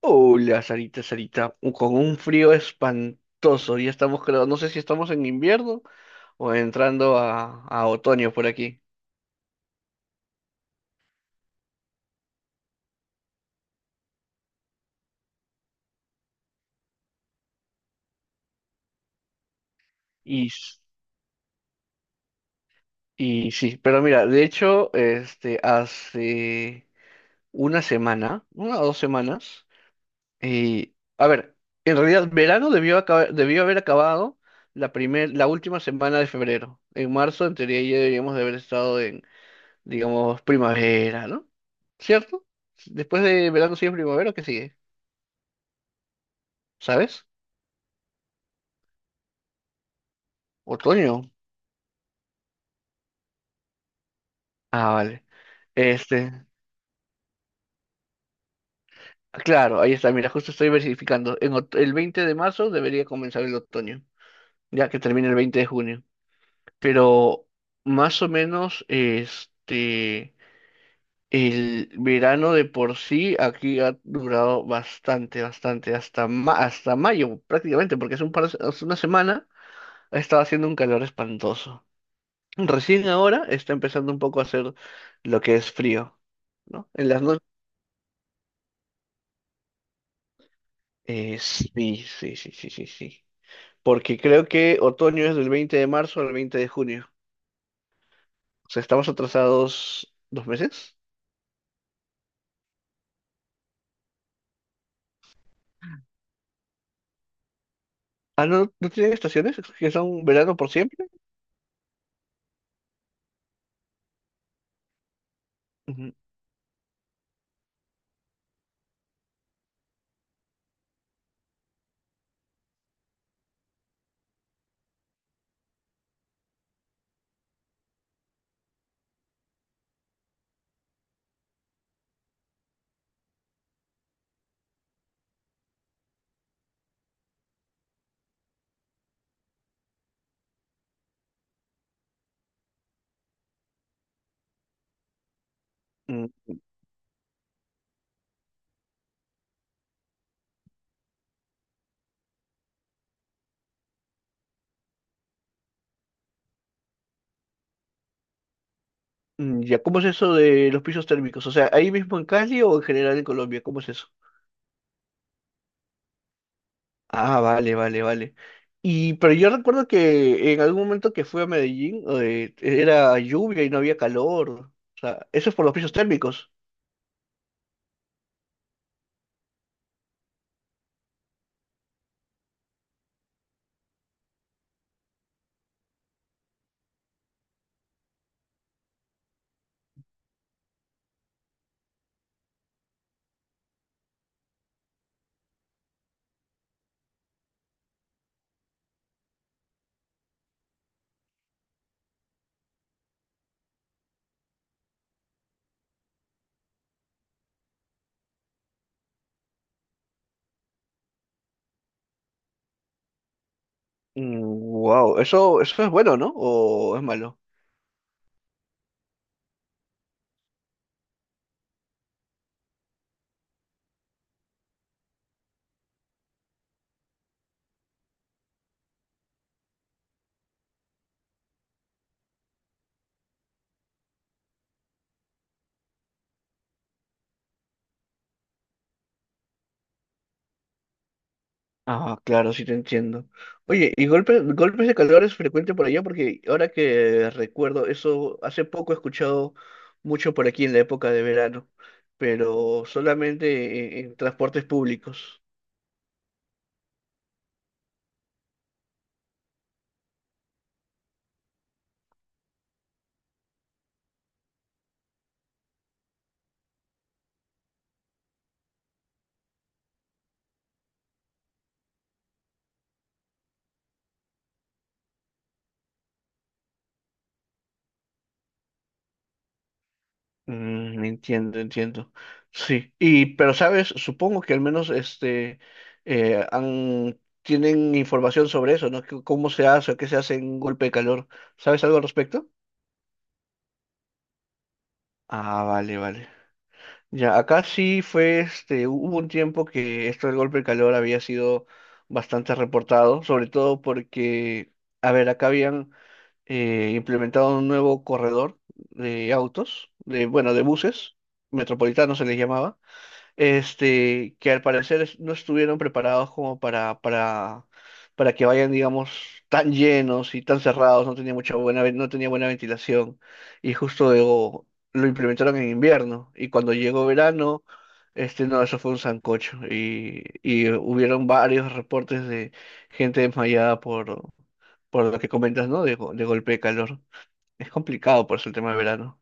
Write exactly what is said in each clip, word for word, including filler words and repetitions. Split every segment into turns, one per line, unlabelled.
Hola, Sarita, Sarita, u- con un frío espantoso. Ya estamos, creo, no sé si estamos en invierno o entrando a, a otoño por aquí. Y, s- y sí, pero mira, de hecho, este, hace una semana, una o dos semanas, y a ver, en realidad verano debió, acabar- debió haber acabado la primer, la última semana de febrero. En marzo, en teoría, ya deberíamos de haber estado, digamos, primavera, ¿no? ¿Cierto? Después de verano sigue primavera, ¿qué sigue? ¿Sabes? Otoño. Ah, vale. Este, claro, ahí está, mira, justo estoy verificando. En ot- el veinte de marzo debería comenzar el otoño, ya que termina el veinte de junio. Pero más o menos, este, el verano de por sí aquí ha durado bastante, bastante, hasta, ma- hasta mayo prácticamente, porque hace un par de se- hace una semana ha estado haciendo un calor espantoso. Recién ahora está empezando un poco a hacer lo que es frío, ¿no? En las noches. Eh, sí, sí, sí, sí, sí, sí. Porque creo que otoño es del veinte de marzo al veinte de junio. O sea, estamos atrasados dos meses. Ah, no, no tienen estaciones, que son verano por siempre. Ujú, mm, mm, ya, ¿cómo es eso de los pisos térmicos? O sea, ahí mismo en Cali o en general en Colombia, ¿cómo es eso? Ah, vale, vale, vale. Y pero yo recuerdo que en algún momento que fui a Medellín, eh, era lluvia y no había calor. O sea, eso es por los pisos térmicos. Wow, eso, eso es bueno, ¿no? ¿O es malo? Ah, claro, sí te entiendo. Oye, ¿y golpes, golpes de calor es frecuente por allá? Porque ahora que recuerdo, eso hace poco he escuchado mucho por aquí en la época de verano, pero solamente en en transportes públicos. Mm, entiendo, entiendo. Sí, y pero sabes, supongo que al menos este, eh, han, tienen información sobre eso, ¿no? Que- ¿Cómo se hace o qué se hace en un golpe de calor? ¿Sabes algo al respecto? Ah, vale, vale. Ya, acá sí fue, este, hubo un tiempo que esto del golpe de calor había sido bastante reportado, sobre todo porque, a ver, acá habían, eh, implementado un nuevo corredor de autos, de, bueno, de buses, metropolitanos se les llamaba, este, que al parecer es- no estuvieron preparados como para, para, para que vayan, digamos, tan llenos y tan cerrados, no tenía mucha buena, ve- no tenía buena ventilación, y justo luego lo implementaron en invierno, y cuando llegó verano, este, no, eso fue un sancocho, y, y hubieron varios reportes de gente desmayada por, por lo que comentas, ¿no? De, go- de golpe de calor. Es complicado por eso el tema de verano.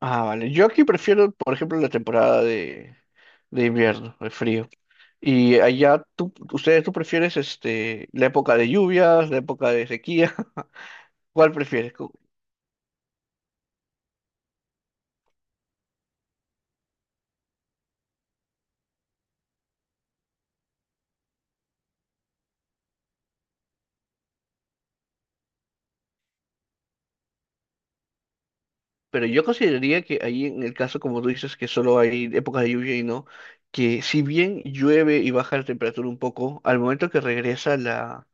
Ah, vale. Yo aquí prefiero, por ejemplo, la temporada de invierno, de frío. Y allá, tú, ustedes, ¿tú prefieres este, la época de lluvias, la época de sequía? ¿Cuál prefieres? Co- Pero yo consideraría que ahí, en el caso, como tú dices, que solo hay épocas de lluvia y no, que si bien llueve y baja la temperatura un poco, al momento que regresa la,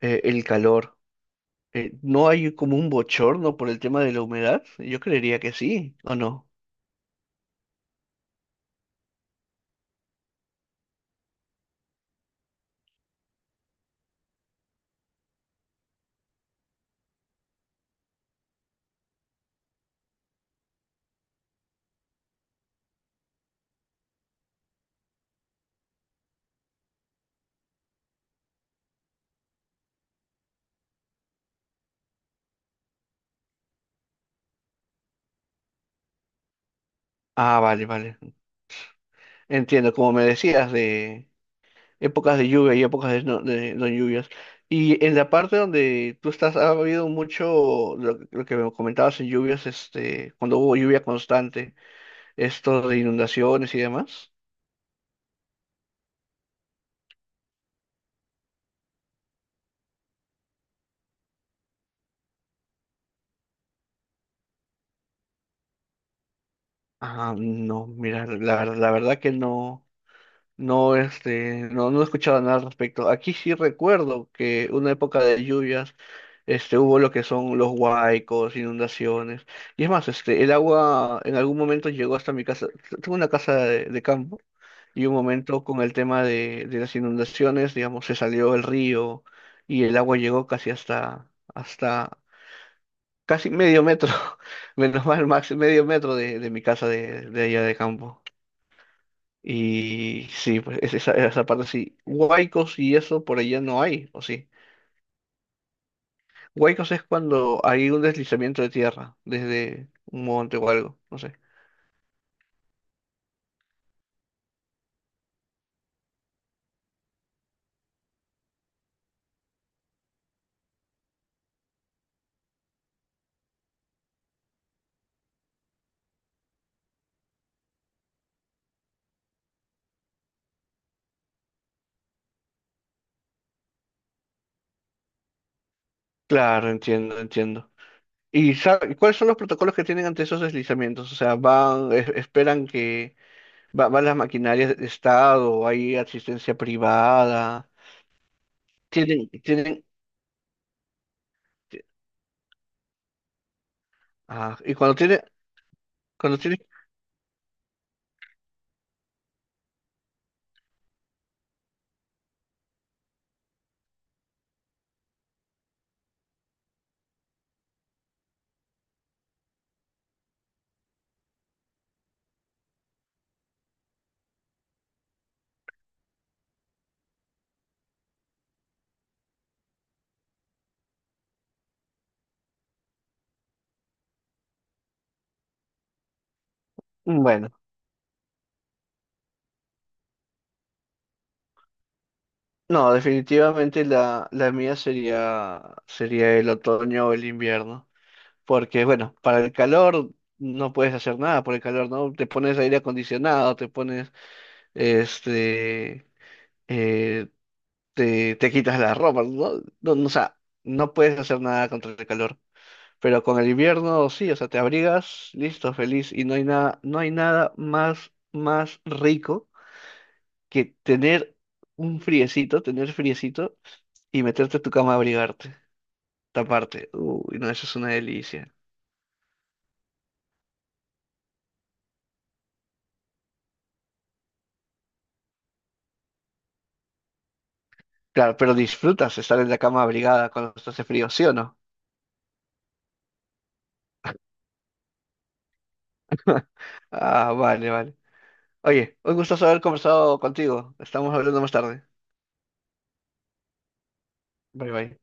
eh, el calor, eh, ¿no hay como un bochorno por el tema de la humedad? Yo creería que sí, ¿o no? Ah, vale, vale. Entiendo, como me decías de épocas de lluvia y épocas de no, de no lluvias. Y en la parte donde tú estás, ha habido mucho lo, lo que me comentabas en lluvias, este, cuando hubo lluvia constante, esto de inundaciones y demás. Ah, no, mira, la, ver- la verdad que no, no, este, no, no he escuchado nada al respecto. Aquí sí recuerdo que una época de lluvias, este, hubo lo que son los huaicos, inundaciones. Y es más, este, el agua en algún momento llegó hasta mi casa. Tengo una casa de, de campo, y un momento con el tema de, de las inundaciones, digamos, se salió el río y el agua llegó casi hasta, hasta casi medio metro, menos mal, máximo medio metro de, de mi casa de, de allá de campo. Y sí, pues es- esa, esa parte sí. Huaicos y eso por allá no hay, ¿o sí? Huaycos es cuando hay un deslizamiento de tierra desde un monte o algo, no sé. Claro, entiendo, entiendo. ¿Y sabe- cuáles son los protocolos que tienen ante esos deslizamientos? O sea, van, es- esperan que va- van las maquinarias de Estado, hay asistencia privada, tienen, tienen, ah, y cuando tienen, cuando tienen, bueno, no, definitivamente la, la mía sería, sería el otoño o el invierno. Porque, bueno, para el calor no puedes hacer nada por el calor, ¿no? Te pones aire acondicionado, te pones, este, eh, te, te quitas la ropa, ¿no? No, no, o sea, no puedes hacer nada contra el calor. Pero con el invierno sí, o sea, te abrigas, listo, feliz, y no hay nada, no hay nada más, más rico que tener un friecito, tener friecito y meterte a tu cama a abrigarte, taparte. Uy, no, eso es una delicia. Claro, pero disfrutas estar en la cama abrigada cuando hace frío, ¿sí o no? Ah, vale, vale. Oye, un gusto haber conversado contigo. Estamos hablando más tarde. Bye, bye.